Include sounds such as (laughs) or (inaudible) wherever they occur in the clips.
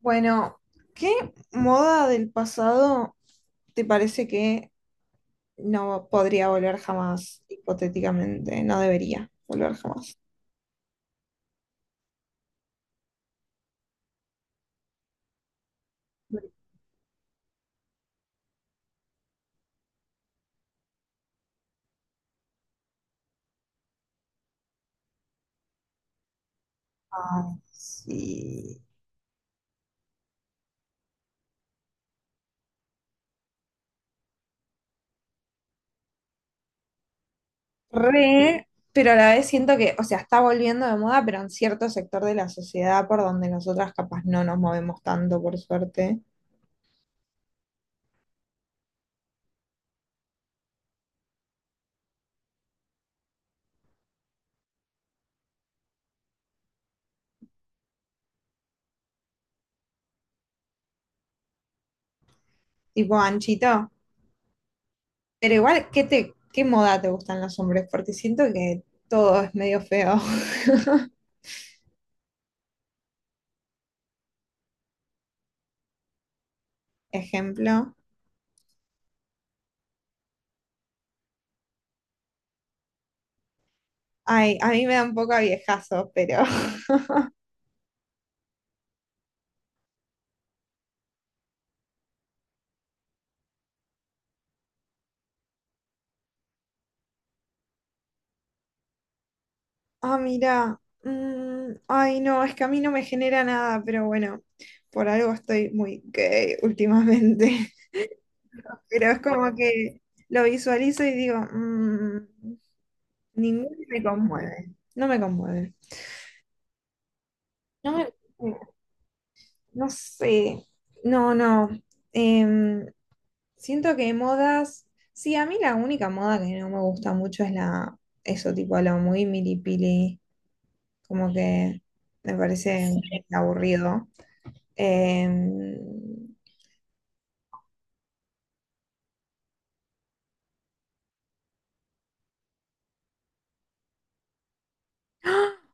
Bueno, ¿qué moda del pasado te parece que no podría volver jamás, hipotéticamente? No debería volver jamás. Ay, sí. Re, pero a la vez siento que, o sea, está volviendo de moda, pero en cierto sector de la sociedad por donde nosotras capaz no nos movemos tanto, por suerte. Tipo anchito. Pero igual, ¿qué moda te gustan los hombres? Porque siento que todo es medio feo. (laughs) Ejemplo. Ay, a mí me da un poco a viejazo, pero. (laughs) Ah, mira. Ay, no, es que a mí no me genera nada, pero bueno, por algo estoy muy gay últimamente. (laughs) Pero es como que lo visualizo y digo, ninguno me conmueve. No me conmueve. No me. No sé. No, no. Em, Siento que modas. Sí, a mí la única moda que no me gusta mucho es la. Eso, tipo, lo muy milipili, como que me parece aburrido. Eh,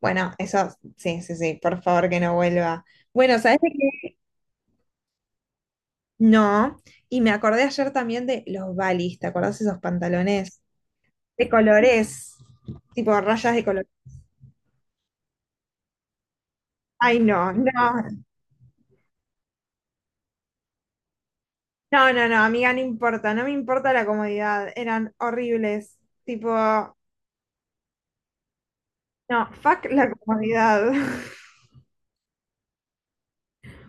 bueno, eso, sí, sí, sí, por favor que no vuelva. Bueno, ¿sabes de qué? No, y me acordé ayer también de los balis, ¿te acordás esos pantalones de colores, tipo rayas de color? Ay, no, no, no, no, no, amiga, no importa, no me importa la comodidad, eran horribles, tipo, no, fuck la comodidad. (laughs)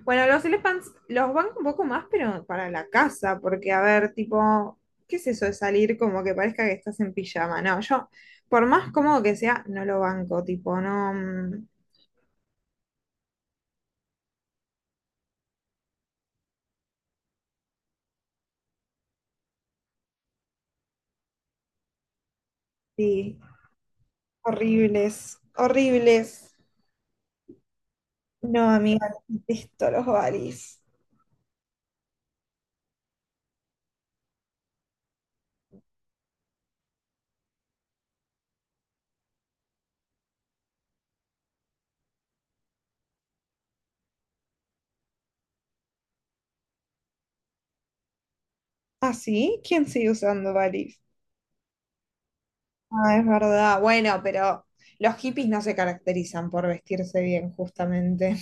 Bueno, los elephants los banco un poco más, pero para la casa, porque a ver, tipo, ¿qué es eso de salir como que parezca que estás en pijama? No, yo, por más cómodo que sea, no lo banco, tipo, no. Sí, horribles, horribles. No, amiga, esto, los Balis. ¿Ah, sí? ¿Quién sigue usando Balis? Ah, es verdad. Bueno, pero los hippies no se caracterizan por vestirse bien, justamente.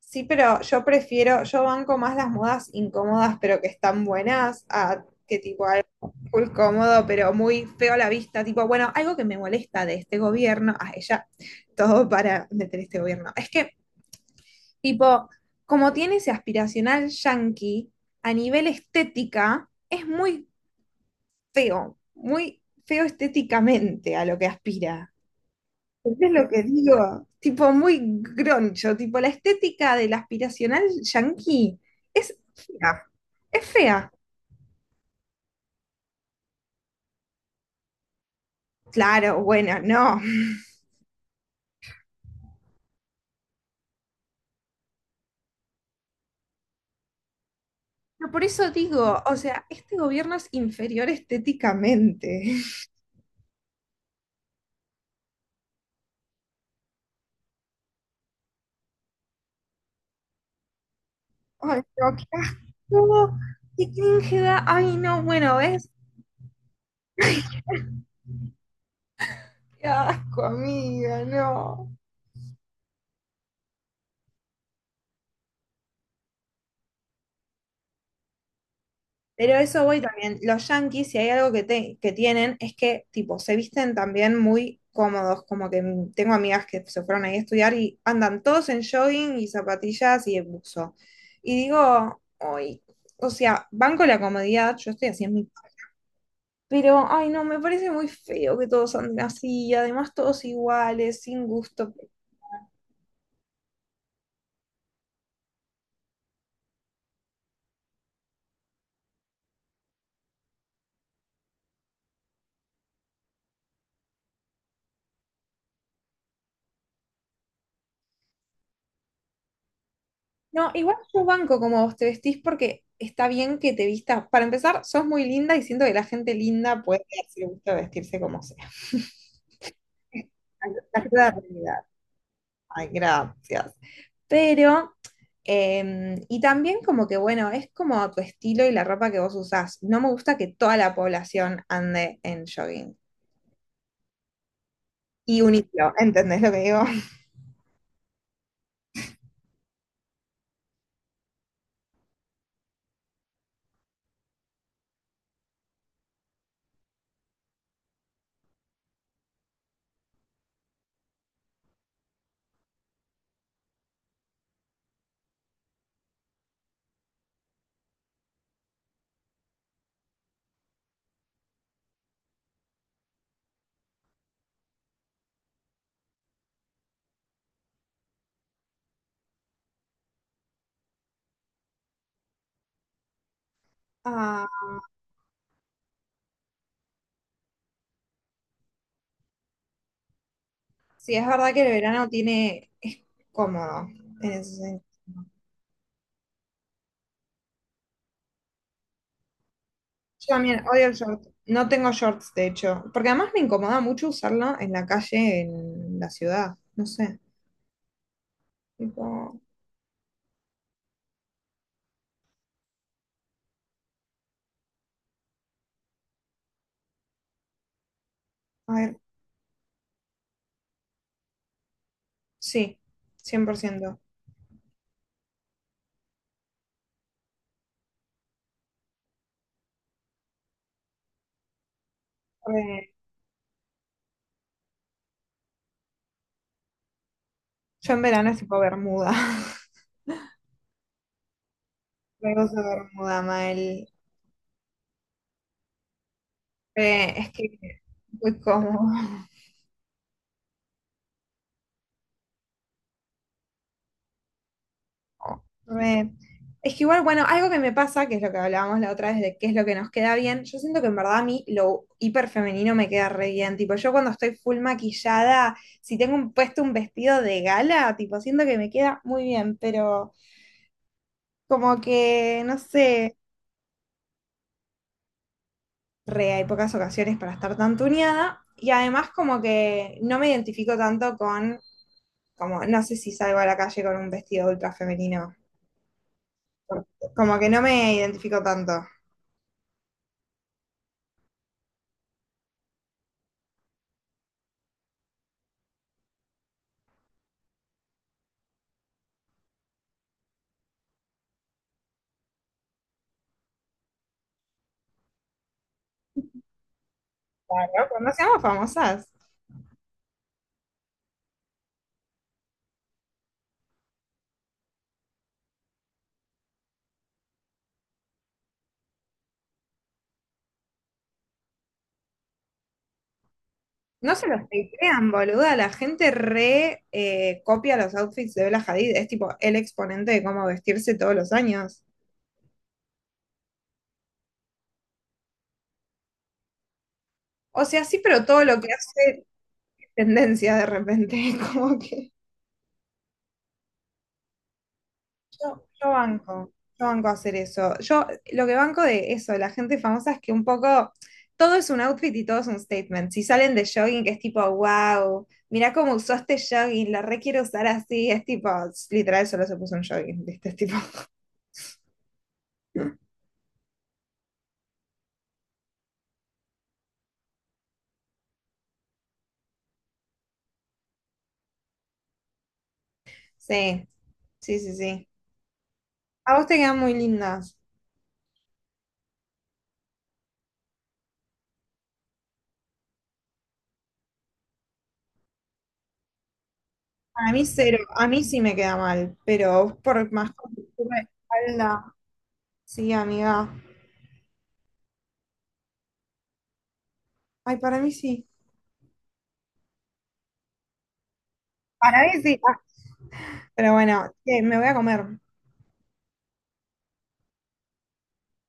Sí, pero yo banco más las modas incómodas, pero que están buenas, a que tipo algo full cómodo, pero muy feo a la vista. Tipo, bueno, algo que me molesta de este gobierno, a ella, todo para meter este gobierno. Es que, tipo, como tiene ese aspiracional yanqui a nivel estética, es muy feo estéticamente a lo que aspira. Eso es lo que digo, tipo muy groncho, tipo la estética del aspiracional yanqui es fea, es fea. Claro, bueno, no. Pero por eso digo, o sea, este gobierno es inferior estéticamente. (laughs) Ay, no, qué asco, qué cringe da. Ay, no, bueno, ¿ves? (laughs) Qué asco, amiga, no. Pero eso voy también. Los yankees, si hay algo que, que tienen, es que, tipo, se visten también muy cómodos. Como que tengo amigas que se fueron ahí a estudiar y andan todos en jogging y zapatillas y en buzo. Y digo, hoy, o sea, banco la comodidad, yo estoy así en mi. Pero, ay, no, me parece muy feo que todos anden así, y además todos iguales, sin gusto. No, igual yo banco como vos te vestís porque está bien que te vistas. Para empezar, sos muy linda y siento que la gente linda puede darse el gusto de vestirse como sea. (laughs) La cruda realidad. Ay, gracias. Pero, y también como que, bueno, es como a tu estilo y la ropa que vos usás. No me gusta que toda la población ande en jogging. Y unirlo, ¿entendés lo que digo? (laughs) Ah, sí, es verdad que el verano es cómodo en ese sentido. Yo también odio el short. No tengo shorts, de hecho. Porque además me incomoda mucho usarlo en la calle, en la ciudad. No sé. Tipo, a ver, sí, 100%. Re- yo en verano es tipo Bermuda. (laughs) Me gusta Bermuda, Mael. Es que muy cómodo. Re. Es que igual, bueno, algo que me pasa, que es lo que hablábamos la otra vez de qué es lo que nos queda bien, yo siento que en verdad a mí lo hiper femenino me queda re bien. Tipo, yo cuando estoy full maquillada, si tengo puesto un vestido de gala, tipo, siento que me queda muy bien, pero como que, no sé, re, hay pocas ocasiones para estar tan tuneada. Y además como que no me identifico tanto con, como, no sé si salgo a la calle con un vestido ultra femenino. Como que no me identifico tanto. Claro, cuando seamos famosas. No se los crean, boluda. La gente re copia los outfits de Bella Hadid. Es tipo el exponente de cómo vestirse todos los años. O sea, sí, pero todo lo que hace es tendencia de repente. (laughs) Como que yo banco. Yo banco hacer eso. Yo lo que banco de eso, de la gente famosa, es que un poco todo es un outfit y todo es un statement. Si salen de jogging, que es tipo, wow, mirá cómo usó este jogging, la re quiero usar así. Es tipo, literal, solo se puso un jogging. ¿Viste? Es tipo. Sí, sí, sí, sí. A vos te quedan muy lindas. A mí cero, a mí sí me queda mal, pero vos por más contextura de espalda. Sí, amiga. Ay, para mí sí. Para mí sí. Ah, pero bueno, che, me voy a comer.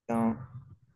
No.